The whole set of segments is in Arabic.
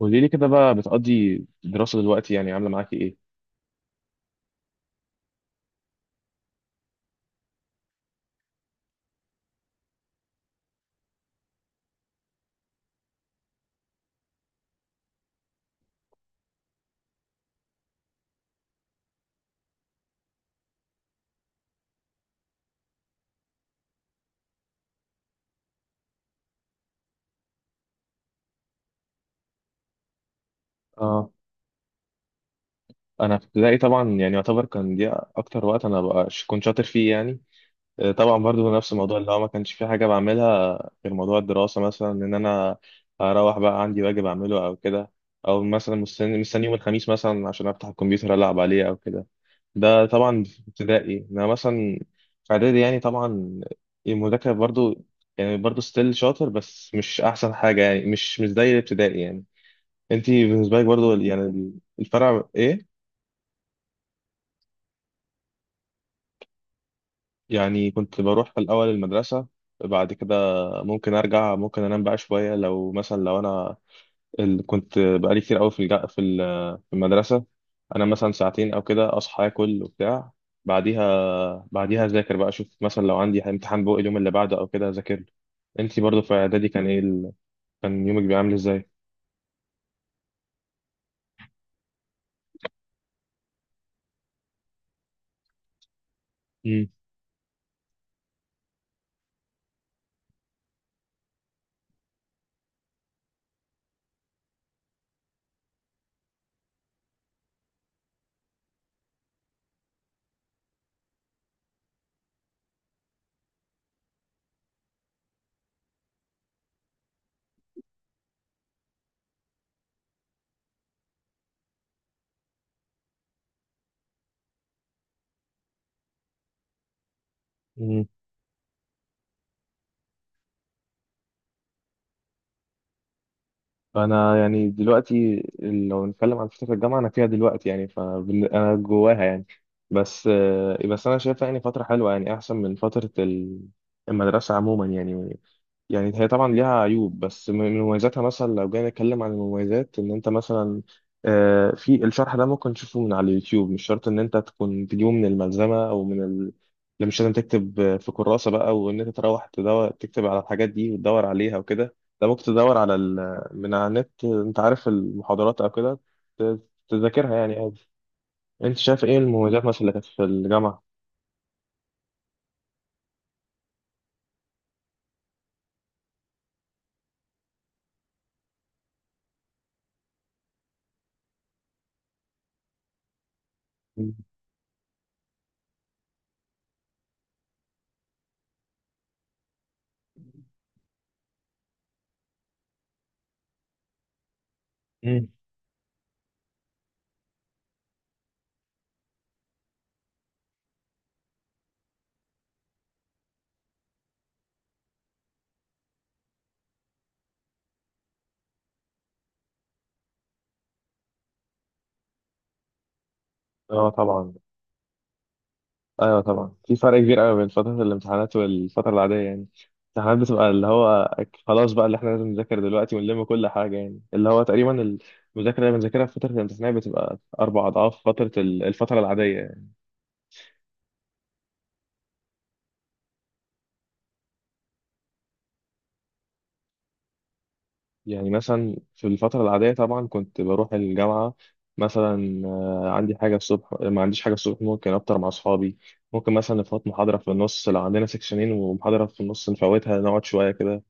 قولي لي كده بقى، بتقضي الدراسة دلوقتي يعني عاملة معاكي ايه؟ اه، انا في ابتدائي طبعا يعني يعتبر كان دي اكتر وقت انا بقى كنت شاطر فيه يعني. طبعا برضو نفس الموضوع اللي هو ما كانش في حاجة بعملها غير موضوع الدراسة، مثلا ان انا اروح بقى عندي واجب اعمله او كده، او مثلا مستني يوم الخميس مثلا عشان افتح الكمبيوتر العب عليه او كده. ده طبعا في ابتدائي، انا مثلا في اعدادي يعني طبعا المذاكرة برضو، يعني برضو ستيل شاطر بس مش احسن حاجة، يعني مش زي الابتدائي يعني. انت بالنسبه لك برضو يعني، الفرع ايه؟ يعني كنت بروح في الاول المدرسه، بعد كده ممكن ارجع، ممكن انام بقى شويه لو انا كنت بقالي كتير قوي في الج- في ال- في المدرسه. انا مثلا ساعتين او كده اصحى اكل وبتاع، بعديها اذاكر بقى، اشوف مثلا لو عندي امتحان بقى اليوم اللي بعده او كده اذاكر له. انت برضو في اعدادي كان ايه كان يومك بيعمل ازاي؟ امم فانا يعني دلوقتي لو نتكلم عن فتره الجامعه انا فيها دلوقتي يعني فانا جواها يعني. بس انا شايفها يعني فتره حلوه، يعني احسن من فتره المدرسه عموما يعني. يعني هي طبعا ليها عيوب، بس من مميزاتها مثلا لو جينا نتكلم عن المميزات ان انت مثلا في الشرح ده ممكن تشوفه من على اليوتيوب، مش شرط ان انت تكون تجيبه من الملزمة او من لا مش لازم تكتب في كراسة بقى وان انت تروح تدور تكتب على الحاجات دي وتدور عليها وكده. ده ممكن تدور على من على النت انت عارف المحاضرات او كده ت- تذاكرها يعني عادي. انت شايف ايه المميزات مثلا اللي كانت في الجامعة؟ مم. اه، طبعا. ايوه طبعا، في فرق كبير قوي بين فتره الامتحانات والفتره العاديه يعني. الامتحانات بتبقى اللي هو خلاص بقى، اللي احنا لازم نذاكر دلوقتي ونلم كل حاجه، يعني اللي هو تقريبا المذاكره اللي بنذاكرها في فتره الامتحانات بتبقى 4 اضعاف فتره الفتره العاديه يعني. يعني مثلا في الفتره العاديه طبعا كنت بروح الجامعه مثلا، عندي حاجه الصبح ما عنديش حاجه الصبح ممكن افطر مع اصحابي، ممكن مثلا نفوت محاضره في النص لو عندنا سكشنين ومحاضره في النص نفوتها نقعد شويه كده.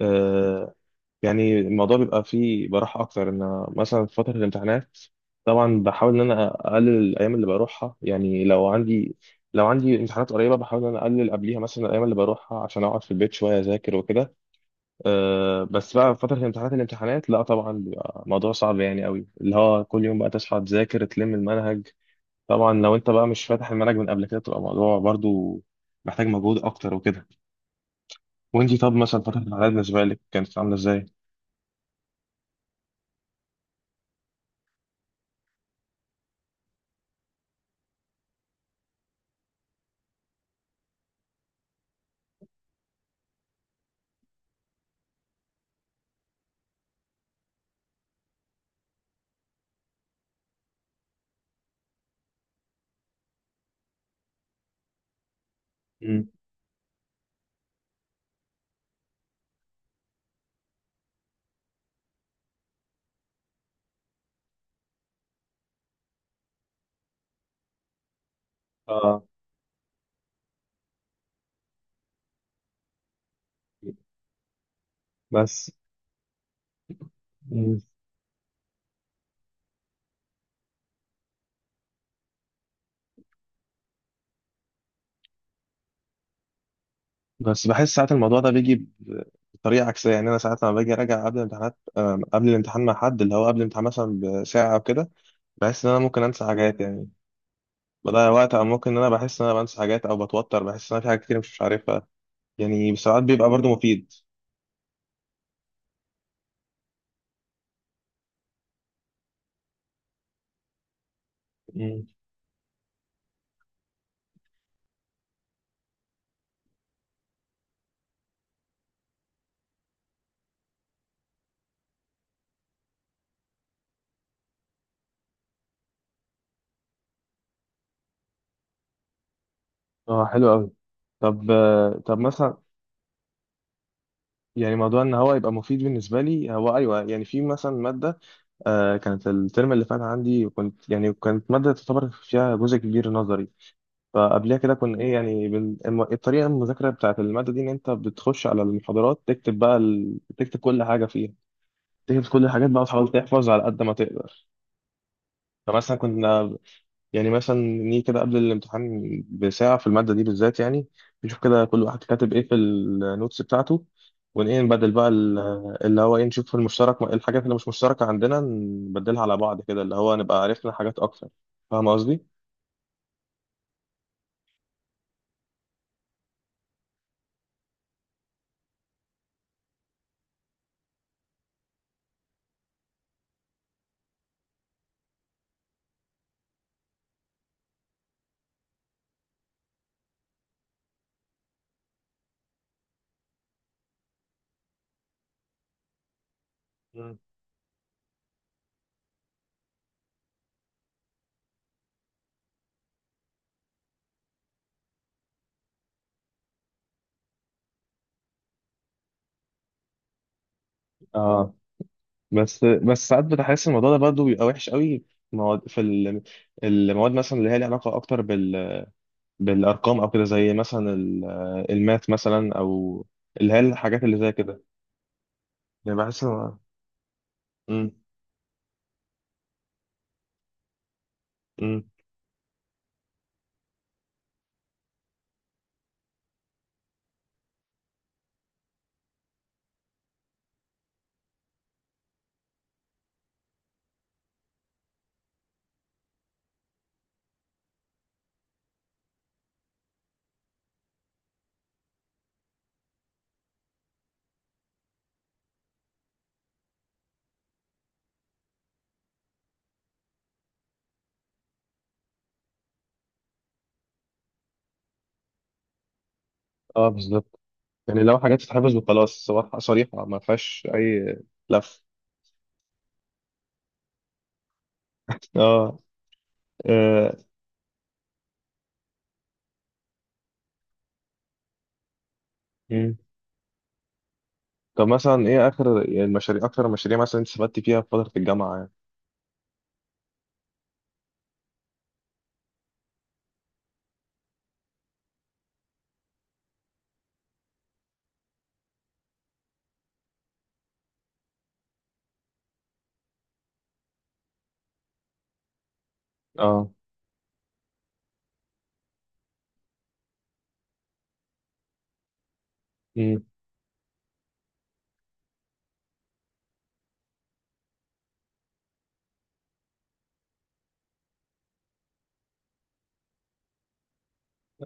آه، يعني الموضوع بيبقى فيه براحة أكتر، إن أنا مثلا في فترة الامتحانات طبعا بحاول إن أنا أقلل الأيام اللي بروحها، يعني لو عندي امتحانات قريبة بحاول إن أنا أقلل قبليها مثلا الأيام اللي بروحها عشان أقعد في البيت شوية أذاكر وكده. أه، بس بقى في فترة الامتحانات، لا طبعا بيبقى موضوع صعب يعني قوي، اللي هو كل يوم بقى تصحى تذاكر تلم المنهج. طبعا لو أنت بقى مش فاتح المنهج من قبل كده، بتبقى موضوع برضو محتاج مجهود أكتر وكده. وأنتي طب مثلا فترة الامتحانات بالنسبة لك كانت عاملة إزاي؟ مم. اه، بس. مم. بس بحس ساعات الموضوع ده بيجي ب- بطريقة عكسية. يعني أنا ساعات لما باجي أراجع قبل الامتحانات، قبل الامتحان مع حد، اللي هو قبل الامتحان مثلا بساعة أو كده، بحس إن أنا ممكن أنسى حاجات. يعني بضيع وقت، أو ممكن إن أنا بحس إن أنا بنسى حاجات أو بتوتر، بحس إن أنا في حاجات كتير مش عارفها. يعني ساعات بيبقى برضه مفيد. مم. اه، حلو أوي. طب مثلا، يعني موضوع ان هو يبقى مفيد بالنسبه لي، هو ايوه يعني في مثلا ماده كانت الترم اللي فات عندي، وكنت يعني كانت ماده تعتبر فيها جزء كبير نظري. فقبلها كده كنا ايه، يعني الطريقه المذاكره بتاعت الماده دي ان انت بتخش على المحاضرات تكتب بقى تكتب كل حاجه فيها، تكتب كل الحاجات بقى وتحاول تحفظ على قد ما تقدر. فمثلا كنا، يعني مثلا نيجي كده قبل الامتحان بساعه في الماده دي بالذات، يعني نشوف كده كل واحد كاتب ايه في النوتس بتاعته، ونبدل بقى اللي هو ايه، نشوف المشترك الحاجات اللي مش مشتركه عندنا نبدلها على بعض كده، اللي هو نبقى عرفنا حاجات اكتر. فاهم قصدي؟ مم. اه، بس ساعات بتحس الموضوع ده برضه بيبقى وحش قوي في مواد، المواد مثلا اللي هي ليها علاقه اكتر بالارقام او كده، زي مثلا الماث مثلا، او اللي هي الحاجات اللي زي كده. يعني بحس امم امم اه، بالظبط. يعني لو حاجات تتحفظ وخلاص، صراحه صريحه ما فيهاش اي لف. اه، آه، امم طب مثلا ايه اخر المشاريع اكتر المشاريع مثلا انت استفدت فيها في فتره الجامعه يعني؟ اه. امم.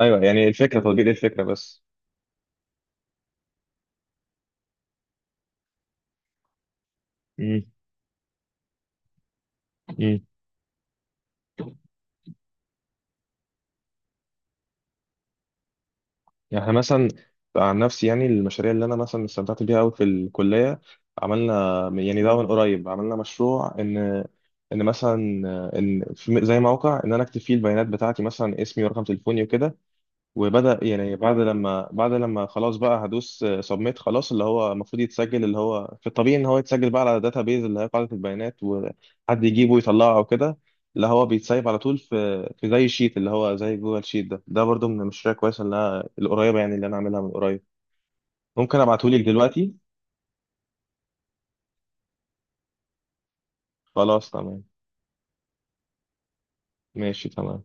ايوه، يعني الفكره تطبيق الفكره بس. امم. امم يعني احنا مثلا، عن نفسي يعني المشاريع اللي انا مثلا استمتعت بيها قوي في الكليه، عملنا يعني ده من قريب عملنا مشروع ان ان مثلا في زي موقع، ان انا اكتب فيه البيانات بتاعتي مثلا اسمي ورقم تليفوني وكده، وبدأ يعني بعد لما خلاص بقى، هدوس سبميت خلاص، اللي هو المفروض يتسجل، اللي هو في الطبيعي ان هو يتسجل بقى على داتا بيز اللي هي قاعدة البيانات، وحد يجيبه ويطلعه او كده. اللي هو بيتسايب على طول في زي شيت اللي هو زي جوجل شيت. ده برضو من المشاريع كويسة اللي القريبة، يعني اللي انا عاملها من قريب. ممكن ابعتهولك دلوقتي. خلاص، تمام. ماشي تمام.